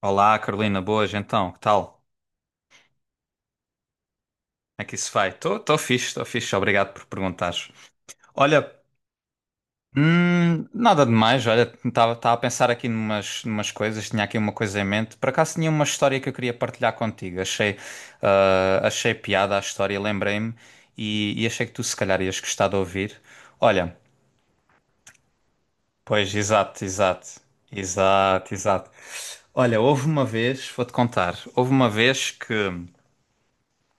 Olá, Carolina, boas, então, que tal? Como é que isso vai? Estou fixe, obrigado por perguntares. Olha, nada demais, olha, estava a pensar aqui numas coisas, tinha aqui uma coisa em mente. Por acaso tinha uma história que eu queria partilhar contigo, achei piada a história, lembrei-me e achei que tu se calhar ias gostar de ouvir. Olha, pois, exato, exato, exato, exato. Olha, houve uma vez, vou-te contar, houve uma vez que.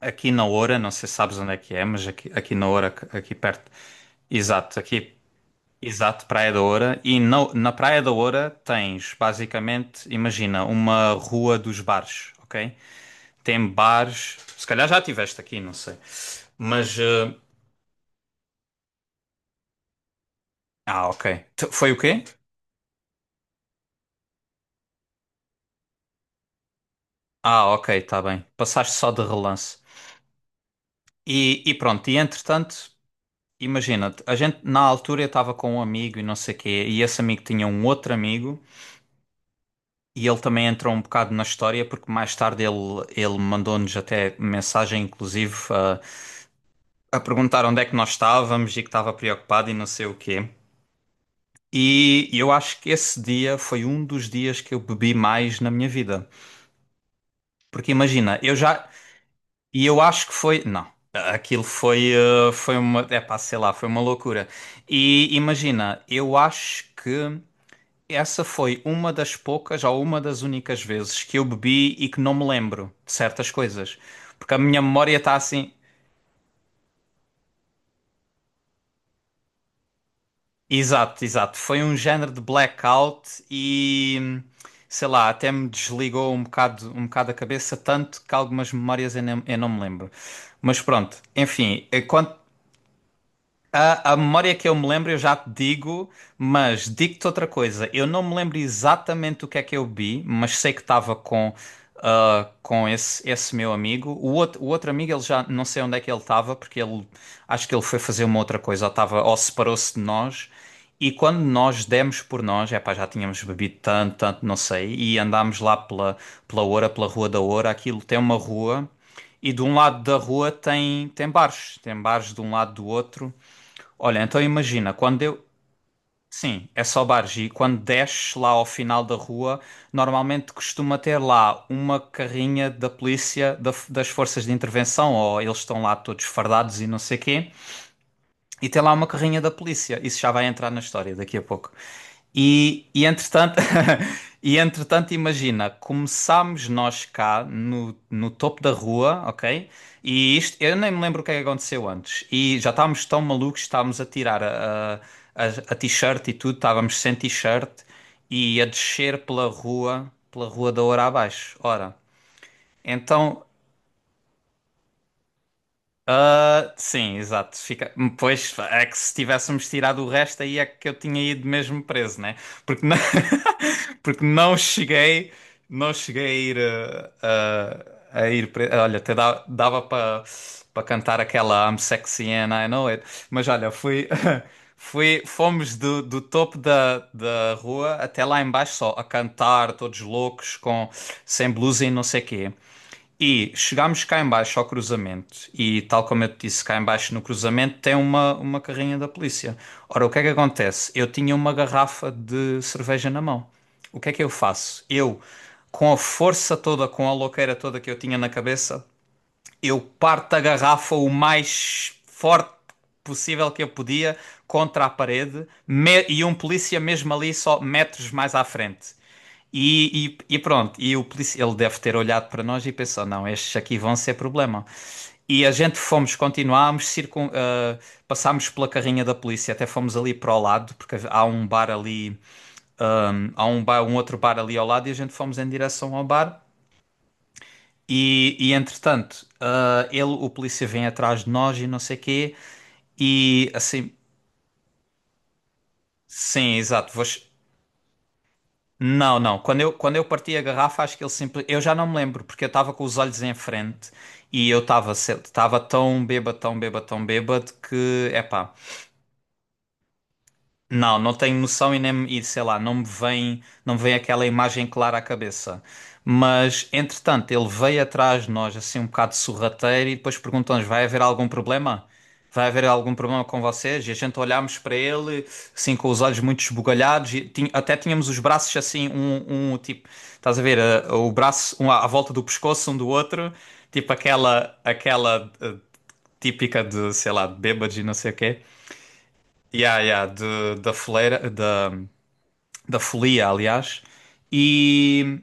Aqui na Oura, não sei se sabes onde é que é, mas aqui na Oura, aqui perto. Exato, aqui, exato, Praia da Oura. E na Praia da Oura tens, basicamente, imagina, uma rua dos bares, ok? Tem bares, se calhar já tiveste aqui, não sei. Mas, ah, ok. Foi o quê? Ah, ok, está bem. Passaste só de relance. E pronto, e entretanto, imagina, a gente na altura eu estava com um amigo e não sei o quê, e esse amigo tinha um outro amigo. E ele também entrou um bocado na história, porque mais tarde ele mandou-nos até mensagem, inclusive, a perguntar onde é que nós estávamos e que estava preocupado e não sei o quê. E eu acho que esse dia foi um dos dias que eu bebi mais na minha vida. Porque imagina, eu já. E eu acho que foi. Não, aquilo foi. Foi uma. É pá, sei lá, foi uma loucura. E imagina, eu acho que. Essa foi uma das poucas ou uma das únicas vezes que eu bebi e que não me lembro de certas coisas. Porque a minha memória está assim. Exato, exato. Foi um género de blackout e sei lá, até me desligou um bocado a cabeça, tanto que algumas memórias eu não me lembro. Mas pronto, enfim, enquanto. A memória que eu me lembro, eu já te digo, mas digo-te outra coisa. Eu não me lembro exatamente o que é que eu vi, mas sei que estava com esse meu amigo. O outro amigo, ele já não sei onde é que ele estava, porque ele acho que ele foi fazer uma outra coisa, ou, ou separou-se de nós. E quando nós demos por nós, é pá já tínhamos bebido tanto, tanto, não sei, e andámos lá pela Oura, pela Rua da Oura, aquilo tem uma rua. E de um lado da rua tem bares de um lado do outro. Olha, então imagina, quando eu. Sim, é só bares. E quando desces lá ao final da rua, normalmente costuma ter lá uma carrinha da polícia, das forças de intervenção, ou eles estão lá todos fardados e não sei quê. E tem lá uma carrinha da polícia. Isso já vai entrar na história daqui a pouco. E entretanto, e entretanto, imagina, começámos nós cá no topo da rua, ok? E isto, eu nem me lembro o que é que aconteceu antes. E já estávamos tão malucos, estávamos a tirar a t-shirt e tudo, estávamos sem t-shirt e a descer pela rua da hora abaixo. Ora, então. Ah, sim, exato. Pois é que se tivéssemos tirado o resto, aí é que eu tinha ido mesmo preso, né? Porque não, Porque não cheguei ah, a ir preso. Olha, até dava para cantar aquela I'm sexy and I know it. Mas olha, fui, fui, fomos do topo da rua até lá embaixo só a cantar, todos loucos, com sem blusa e não sei quê. E chegámos cá em baixo ao cruzamento e tal como eu te disse, cá em baixo no cruzamento tem uma carrinha da polícia. Ora, o que é que acontece? Eu tinha uma garrafa de cerveja na mão. O que é que eu faço? Eu, com a força toda, com a louqueira toda que eu tinha na cabeça, eu parto a garrafa o mais forte possível que eu podia contra a parede e um polícia mesmo ali só metros mais à frente. E pronto, e o polícia, ele deve ter olhado para nós e pensou, não, estes aqui vão ser problema. E a gente fomos, continuámos, passámos pela carrinha da polícia, até fomos ali para o lado, porque há um bar ali, um outro bar ali ao lado, e a gente fomos em direção ao bar. E entretanto, o polícia vem atrás de nós e não sei quê. E assim, sim, exato. Não, não. Quando eu parti a garrafa, acho que ele simplesmente. Eu já não me lembro, porque eu estava com os olhos em frente e eu estava tão bêbado, tão bêbado, tão bêbado que, epá. Não, não tenho noção e, nem, e sei lá, não me vem aquela imagem clara à cabeça. Mas, entretanto, ele veio atrás de nós, assim, um bocado sorrateiro, e depois perguntou-nos: vai haver algum problema? Vai haver algum problema com vocês? E a gente olhámos para ele, assim, com os olhos muito esbugalhados, e até tínhamos os braços assim, um tipo, estás a ver, o braço um à volta do pescoço um do outro, tipo aquela típica de, sei lá, de bêbados e não sei o quê. Yeah, yeah, da foleira, da folia, aliás, e,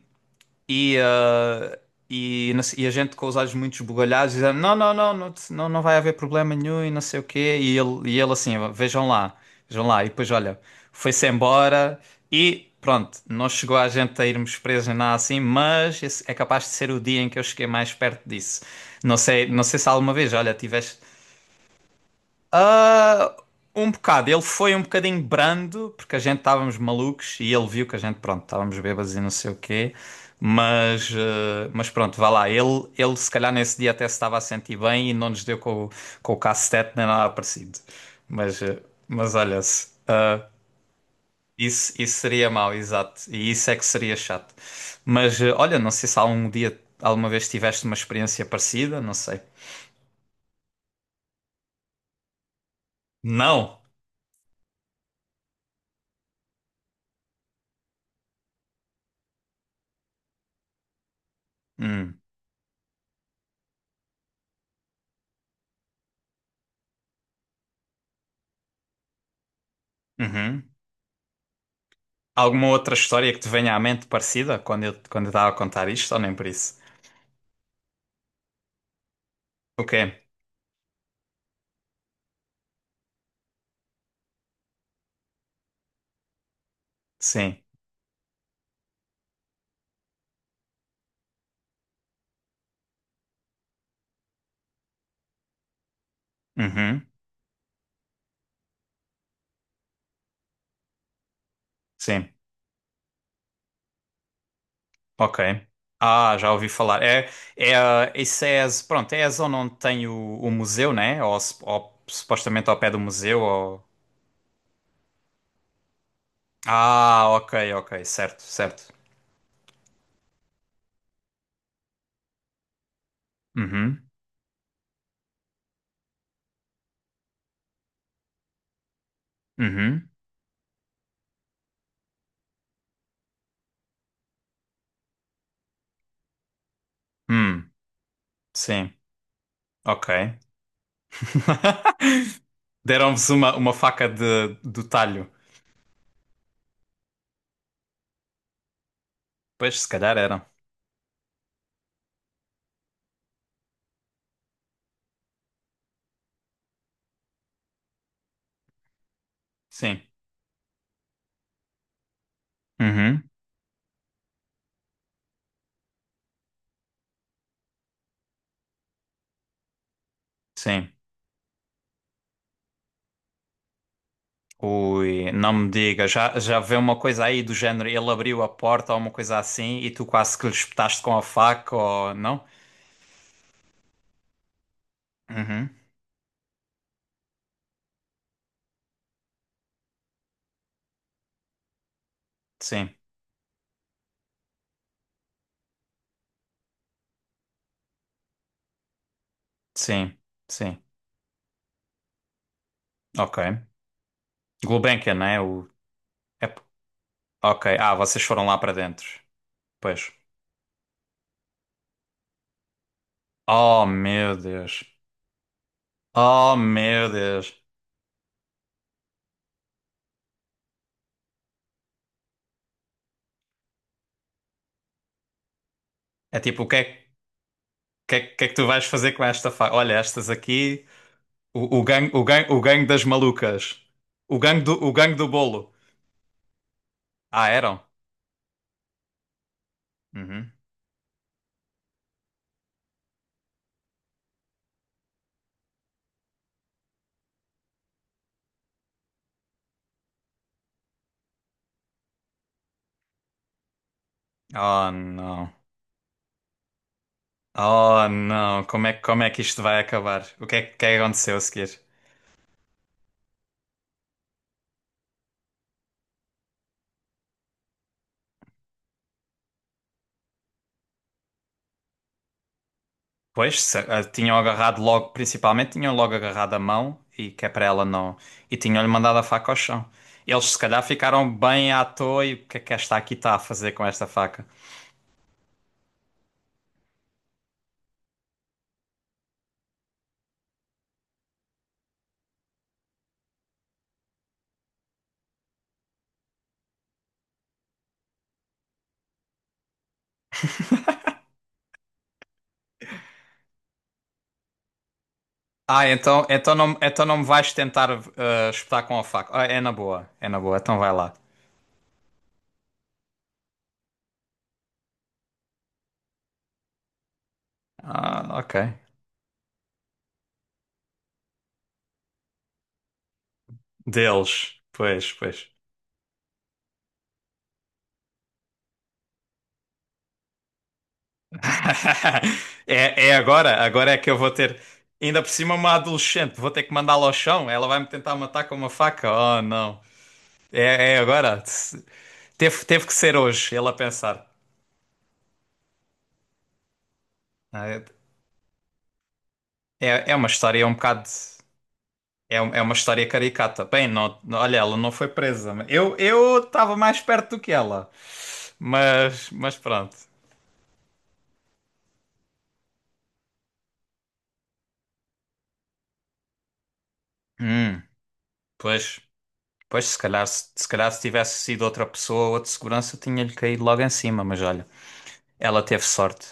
e, ah, e, não e a gente com os olhos muito esbugalhados dizendo não, não, não, não, não, não vai haver problema nenhum e não sei o quê, e ele assim, vejam lá, e depois olha, foi-se embora e pronto, não chegou a gente a irmos presos nem nada assim, mas esse é capaz de ser o dia em que eu cheguei mais perto disso. Não sei se alguma vez, olha, tiveste ah, um bocado. Ele foi um bocadinho brando, porque a gente estávamos malucos e ele viu que a gente, pronto, estávamos bêbados e não sei o quê. Mas, mas pronto, vá lá. Ele se calhar nesse dia até se estava a sentir bem e não nos deu com o cacete nem nada parecido. Mas, ah, mas, olha-se. Isso seria mau, exato. E isso é que seria chato. Mas olha, não sei se algum dia, alguma vez tiveste uma experiência parecida, não sei. Não. Hum. Uhum. Alguma outra história que te venha à mente parecida quando eu estava a contar isto, ou nem por isso? O quê? Sim. Uhum. Sim. Ok. Ah, já ouvi falar. É, isso é, a pronto, é a zona onde tem o museu, né? Ou, ou supostamente ao pé do museu, ou... Ah, ok, ok. Certo, certo. Uhum. Uhum. Hum. Sim. Ok. Deram-vos uma faca do talho. Pois, se calhar eram. Sim. Uhum. Sim. Ui, não me diga, já vê uma coisa aí do género, ele abriu a porta ou uma coisa assim e tu quase que lhe espetaste com a faca ou não? Uhum, sim, sim, sim, ok. Gulbenkian, né? É- ok, vocês foram lá para dentro, pois. Oh, meu Deus, oh, meu Deus. É tipo, o que é, que é, que é que tu vais fazer com esta faca? Olha, estas aqui, o gangue, o gangue, o gangue das malucas, o gangue do bolo. Ah, eram? Uhum. Oh não. Oh não. Como é, como é que isto vai acabar? O que é que aconteceu a seguir? Pois, tinham agarrado logo, principalmente tinham logo agarrado a mão e que é para ela não. E tinham-lhe mandado a faca ao chão. Eles se calhar ficaram bem à toa e o que é que esta aqui está a fazer com esta faca? Ah, então, então não me vais tentar espetar com a faca. Ah, é na boa, então vai lá. Ah, ok. Deles. Pois, pois. É agora, agora é que eu vou ter. Ainda por cima, uma adolescente, vou ter que mandá-la ao chão. Ela vai me tentar matar com uma faca. Oh, não. É agora. Teve que ser hoje, ele a pensar. Ah, É uma história um bocado. É uma história caricata. Bem, olha, ela não foi presa. Eu estava mais perto do que ela. Mas, pronto. Hum, pois, pois se calhar, se calhar se tivesse sido outra pessoa, outro segurança, tinha-lhe caído logo em cima. Mas olha. Ela teve sorte.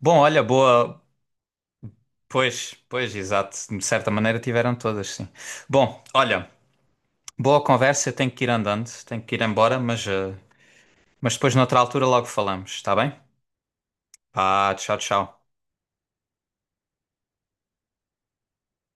Bom, olha, boa. Pois, pois, exato. De certa maneira tiveram todas, sim. Bom, olha, boa conversa. Eu tenho que ir andando, tenho que ir embora, mas, mas depois, noutra altura, logo falamos, está bem? Pá, tchau, tchau.